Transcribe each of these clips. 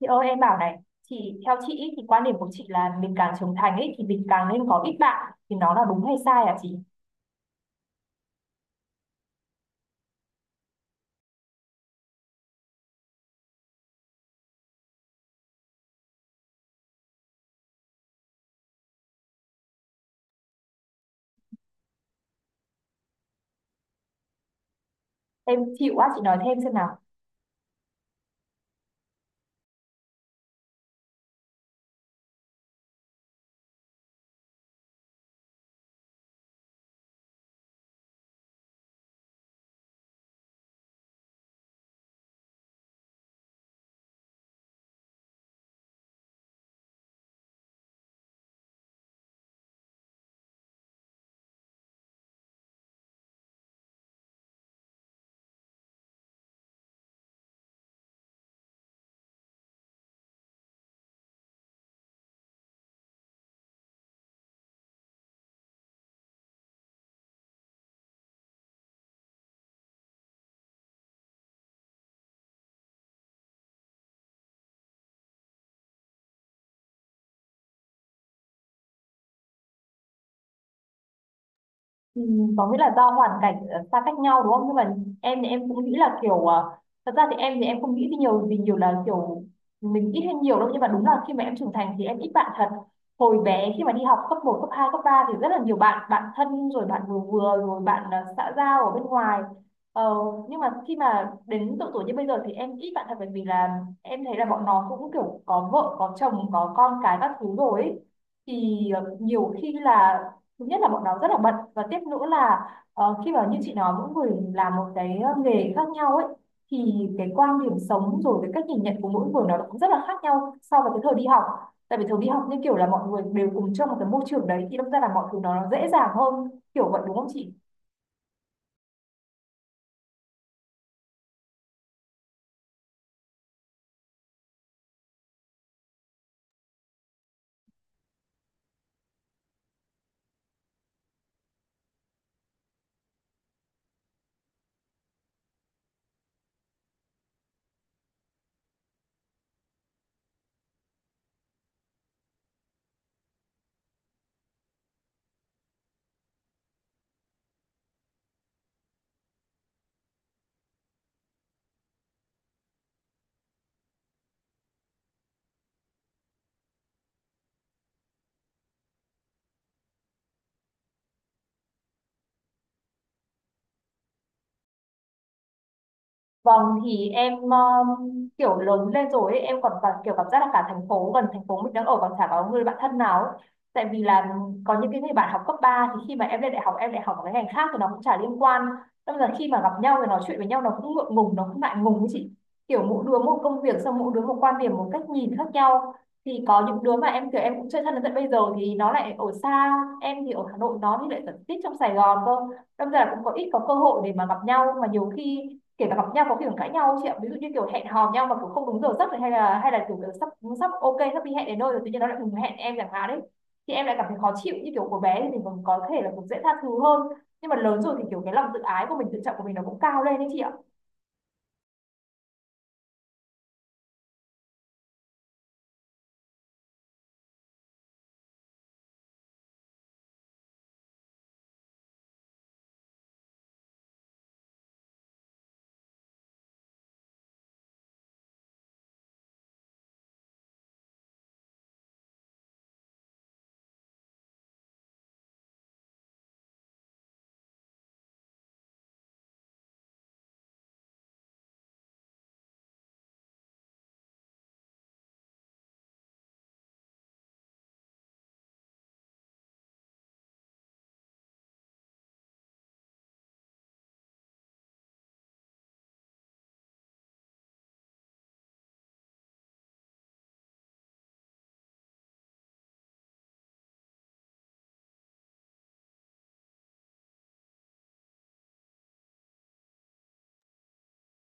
Chị ơi em bảo này, chị theo chị ý, thì quan điểm của chị là mình càng trưởng thành ấy thì mình càng nên có ít bạn thì nó là đúng hay sai hả chị? Em chịu quá chị nói thêm xem nào. Ừ, có nghĩa là do hoàn cảnh xa cách nhau đúng không? Nhưng mà em thì em cũng nghĩ là kiểu thật ra thì em không nghĩ thì nhiều vì nhiều là kiểu mình ít hay nhiều đâu nhưng mà đúng là khi mà em trưởng thành thì em ít bạn thật. Hồi bé khi mà đi học cấp một cấp 2 cấp 3 thì rất là nhiều bạn, bạn thân rồi bạn vừa vừa rồi bạn xã giao ở bên ngoài. Ờ, nhưng mà khi mà đến độ tuổi như bây giờ thì em ít bạn thật bởi vì là em thấy là bọn nó cũng kiểu có vợ, có chồng, có con cái các thứ rồi ấy. Thì nhiều khi là thứ nhất là bọn nó rất là bận và tiếp nữa là ờ, khi mà như chị nói mỗi người làm một cái nghề khác nhau ấy, thì cái quan điểm sống rồi cái cách nhìn nhận của mỗi người nó cũng rất là khác nhau so với cái thời đi học. Tại vì thời đi học như kiểu là mọi người đều cùng trong một cái môi trường đấy thì đâm ra là mọi thứ nó dễ dàng hơn kiểu vậy đúng không chị? Vâng, thì em kiểu lớn lên rồi ấy, em còn cảm, kiểu cảm giác là cả thành phố gần thành phố mình đang ở còn chả có người bạn thân nào ấy. Tại vì là có những cái người bạn học cấp 3 thì khi mà em lên đại học em lại học ở cái ngành khác thì nó cũng chả liên quan. Đâm là khi mà gặp nhau thì nói chuyện với nhau nó cũng ngượng ngùng, nó cũng ngại ngùng ấy chị. Kiểu mỗi đứa một công việc xong mỗi đứa một quan điểm, một cách nhìn khác nhau. Thì có những đứa mà em kiểu em cũng chơi thân đến tận bây giờ thì nó lại ở xa, em thì ở Hà Nội nó thì lại ở tít trong Sài Gòn cơ. Đâm ra là cũng có ít có cơ hội để mà gặp nhau mà nhiều khi kể cả gặp nhau có kiểu cãi nhau chị ạ, ví dụ như kiểu hẹn hò nhau mà kiểu không đúng giờ giấc này hay là kiểu, kiểu sắp sắp ok sắp đi hẹn đến nơi rồi tự nhiên nó lại ngừng hẹn em chẳng hạn đấy, thì em lại cảm thấy khó chịu như kiểu của bé thì mình còn có thể là cũng dễ tha thứ hơn, nhưng mà lớn rồi thì kiểu cái lòng tự ái của mình tự trọng của mình nó cũng cao lên đấy chị ạ.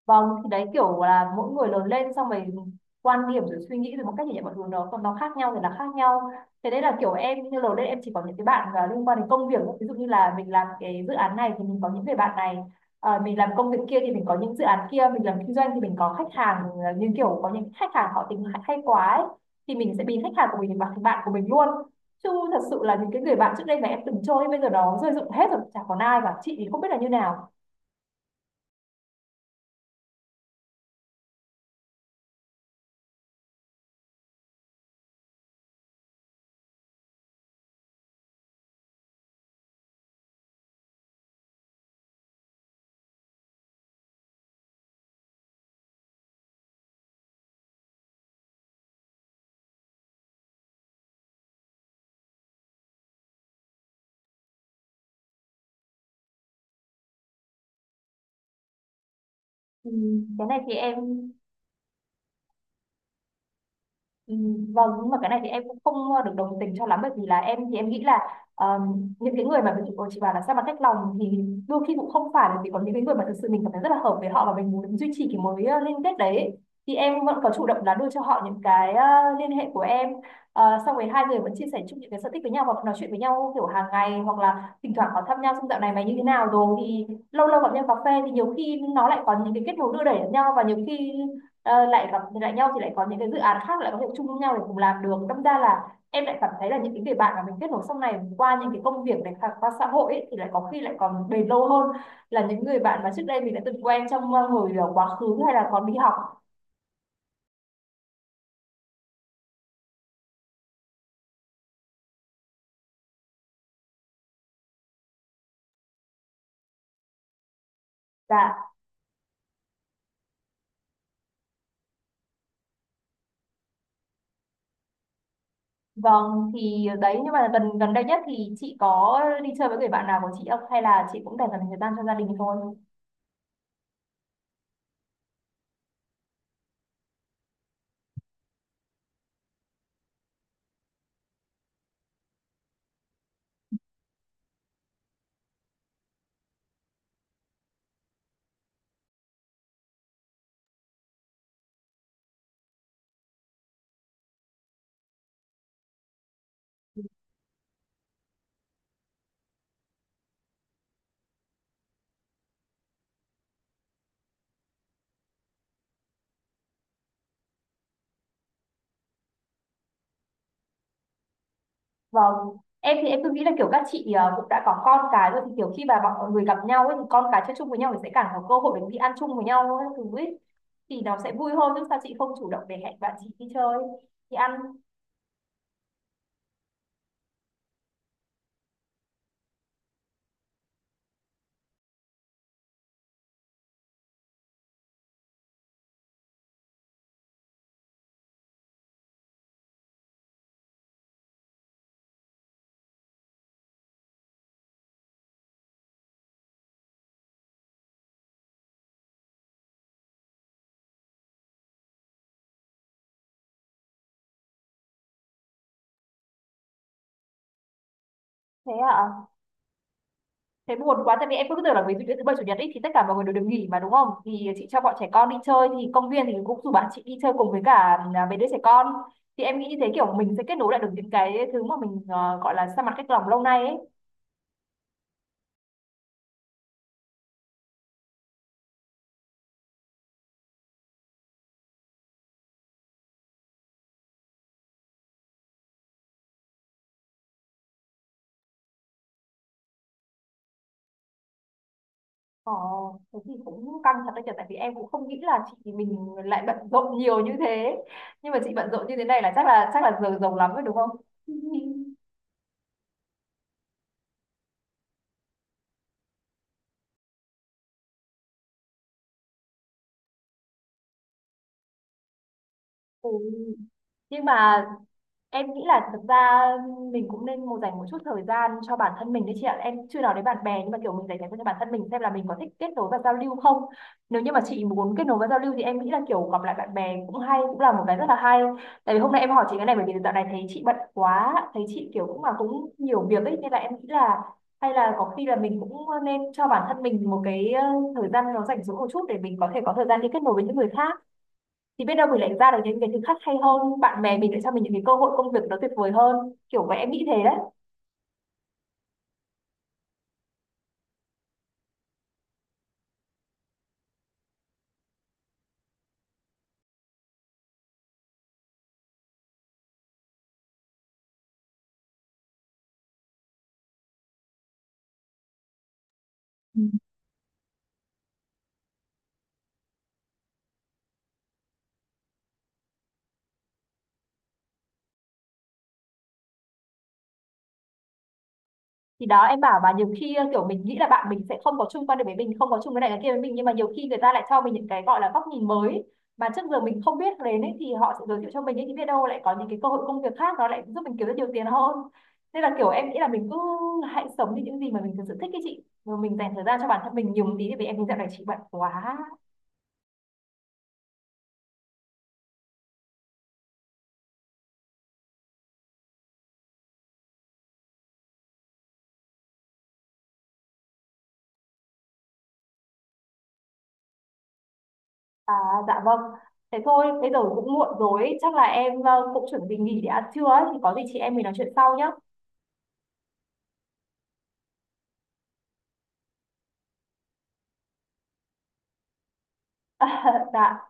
Vâng, thì đấy kiểu là mỗi người lớn lên xong rồi quan điểm rồi suy nghĩ rồi một cách nhìn nhận mọi thứ nó còn nó khác nhau thì là khác nhau. Thế đấy là kiểu em như lớn lên em chỉ có những cái bạn liên quan đến công việc ví dụ như là mình làm cái dự án này thì mình có những người bạn này. Ờ, mình làm công việc kia thì mình có những dự án kia, mình làm kinh doanh thì mình có khách hàng, như kiểu có những khách hàng họ tính hay hay quá ấy, thì mình sẽ biến khách hàng của mình thành bạn của mình luôn, chứ thật sự là những cái người bạn trước đây mà em từng chơi bây giờ nó rơi rụng hết rồi chả còn ai cả chị thì không biết là như nào. Ừ, cái này thì em ừ, vâng, nhưng mà cái này thì em cũng không được đồng tình cho lắm bởi vì là em thì em nghĩ là ờ, những cái người mà mình chị bảo là sao mà cách lòng thì đôi khi cũng không phải bởi vì có những cái người mà thực sự mình cảm thấy rất là hợp với họ và mình muốn duy trì cái mối liên kết đấy, thì em vẫn có chủ động là đưa cho họ những cái liên hệ của em. Ờ, xong rồi hai người vẫn chia sẻ chung những cái sở thích với nhau hoặc nói chuyện với nhau kiểu hàng ngày hoặc là thỉnh thoảng có thăm nhau xong dạo này mày như thế nào rồi thì lâu lâu gặp nhau cà phê thì nhiều khi nó lại có những cái kết nối đưa đẩy lẫn nhau và nhiều khi lại gặp lại nhau thì lại có những cái dự án khác lại có thể chung với nhau để cùng làm được, đâm ra là em lại cảm thấy là những cái người bạn mà mình kết nối sau này qua những cái công việc này hoặc qua xã hội ấy, thì lại có khi lại còn bền lâu hơn là những người bạn mà trước đây mình đã từng quen trong hồi quá khứ hay là còn đi học. Dạ vâng, thì đấy nhưng mà gần gần đây nhất thì chị có đi chơi với người bạn nào của chị không hay là chị cũng dành toàn thời gian cho gia đình thôi? Vâng, em thì em cứ nghĩ là kiểu các chị cũng đã có con cái rồi thì kiểu khi mà mọi người gặp nhau ấy thì con cái chơi chung với nhau thì sẽ càng có cơ hội để đi ăn chung với nhau ấy, thứ ấy. Thì nó sẽ vui hơn chứ sao chị không chủ động để hẹn bạn chị đi chơi, đi ăn. Thế à, thế buồn quá tại vì em cứ tưởng là ví dụ như thứ bảy chủ nhật ấy thì tất cả mọi người đều được nghỉ mà đúng không? Thì chị cho bọn trẻ con đi chơi thì công viên thì cũng rủ bạn chị đi chơi cùng với cả à, mấy đứa trẻ con. Thì em nghĩ như thế kiểu mình sẽ kết nối lại được những cái thứ mà mình ờ, gọi là xa mặt cách lòng lâu nay ấy. Ờ, thế thì cũng căng thật đấy nhỉ, tại vì em cũng không nghĩ là chị mình lại bận rộn nhiều như thế. Nhưng mà chị bận rộn như thế này là chắc là giờ giàu lắm rồi đúng không? Ừ. Nhưng mà em nghĩ là thực ra mình cũng nên một dành một chút thời gian cho bản thân mình đấy chị ạ. Em chưa nói đến bạn bè nhưng mà kiểu mình dành thời gian cho bản thân mình xem là mình có thích kết nối và giao lưu không. Nếu như mà chị muốn kết nối và giao lưu thì em nghĩ là kiểu gặp lại bạn bè cũng hay, cũng là một cái rất là hay. Tại vì hôm nay em hỏi chị cái này bởi vì dạo này thấy chị bận quá, thấy chị kiểu cũng là cũng nhiều việc ấy nên là em nghĩ là hay là có khi là mình cũng nên cho bản thân mình một cái thời gian nó rảnh rỗi một chút để mình có thể có thời gian đi kết nối với những người khác, thì biết đâu mình lại ra được những cái thứ khác hay hơn, bạn bè mình lại cho mình những cái cơ hội công việc nó tuyệt vời hơn, kiểu vậy em nghĩ thế đấy. Ừ, thì đó em bảo và nhiều khi kiểu mình nghĩ là bạn mình sẽ không có chung quan điểm với mình không có chung cái này cái kia với mình nhưng mà nhiều khi người ta lại cho mình những cái gọi là góc nhìn mới mà trước giờ mình không biết đến ấy, thì họ sẽ giới thiệu cho mình ấy, thì biết đâu lại có những cái cơ hội công việc khác nó lại giúp mình kiếm được nhiều tiền hơn, nên là kiểu em nghĩ là mình cứ hãy sống như những gì mà mình thực sự thích cái chị rồi mình dành thời gian cho bản thân mình nhiều một tí vì em thấy dạo này chị bận quá. À, dạ vâng. Thế thôi, bây giờ cũng muộn rồi, chắc là em cũng chuẩn bị nghỉ để ăn trưa ấy, thì có gì chị em mình nói chuyện sau nhé. Dạ.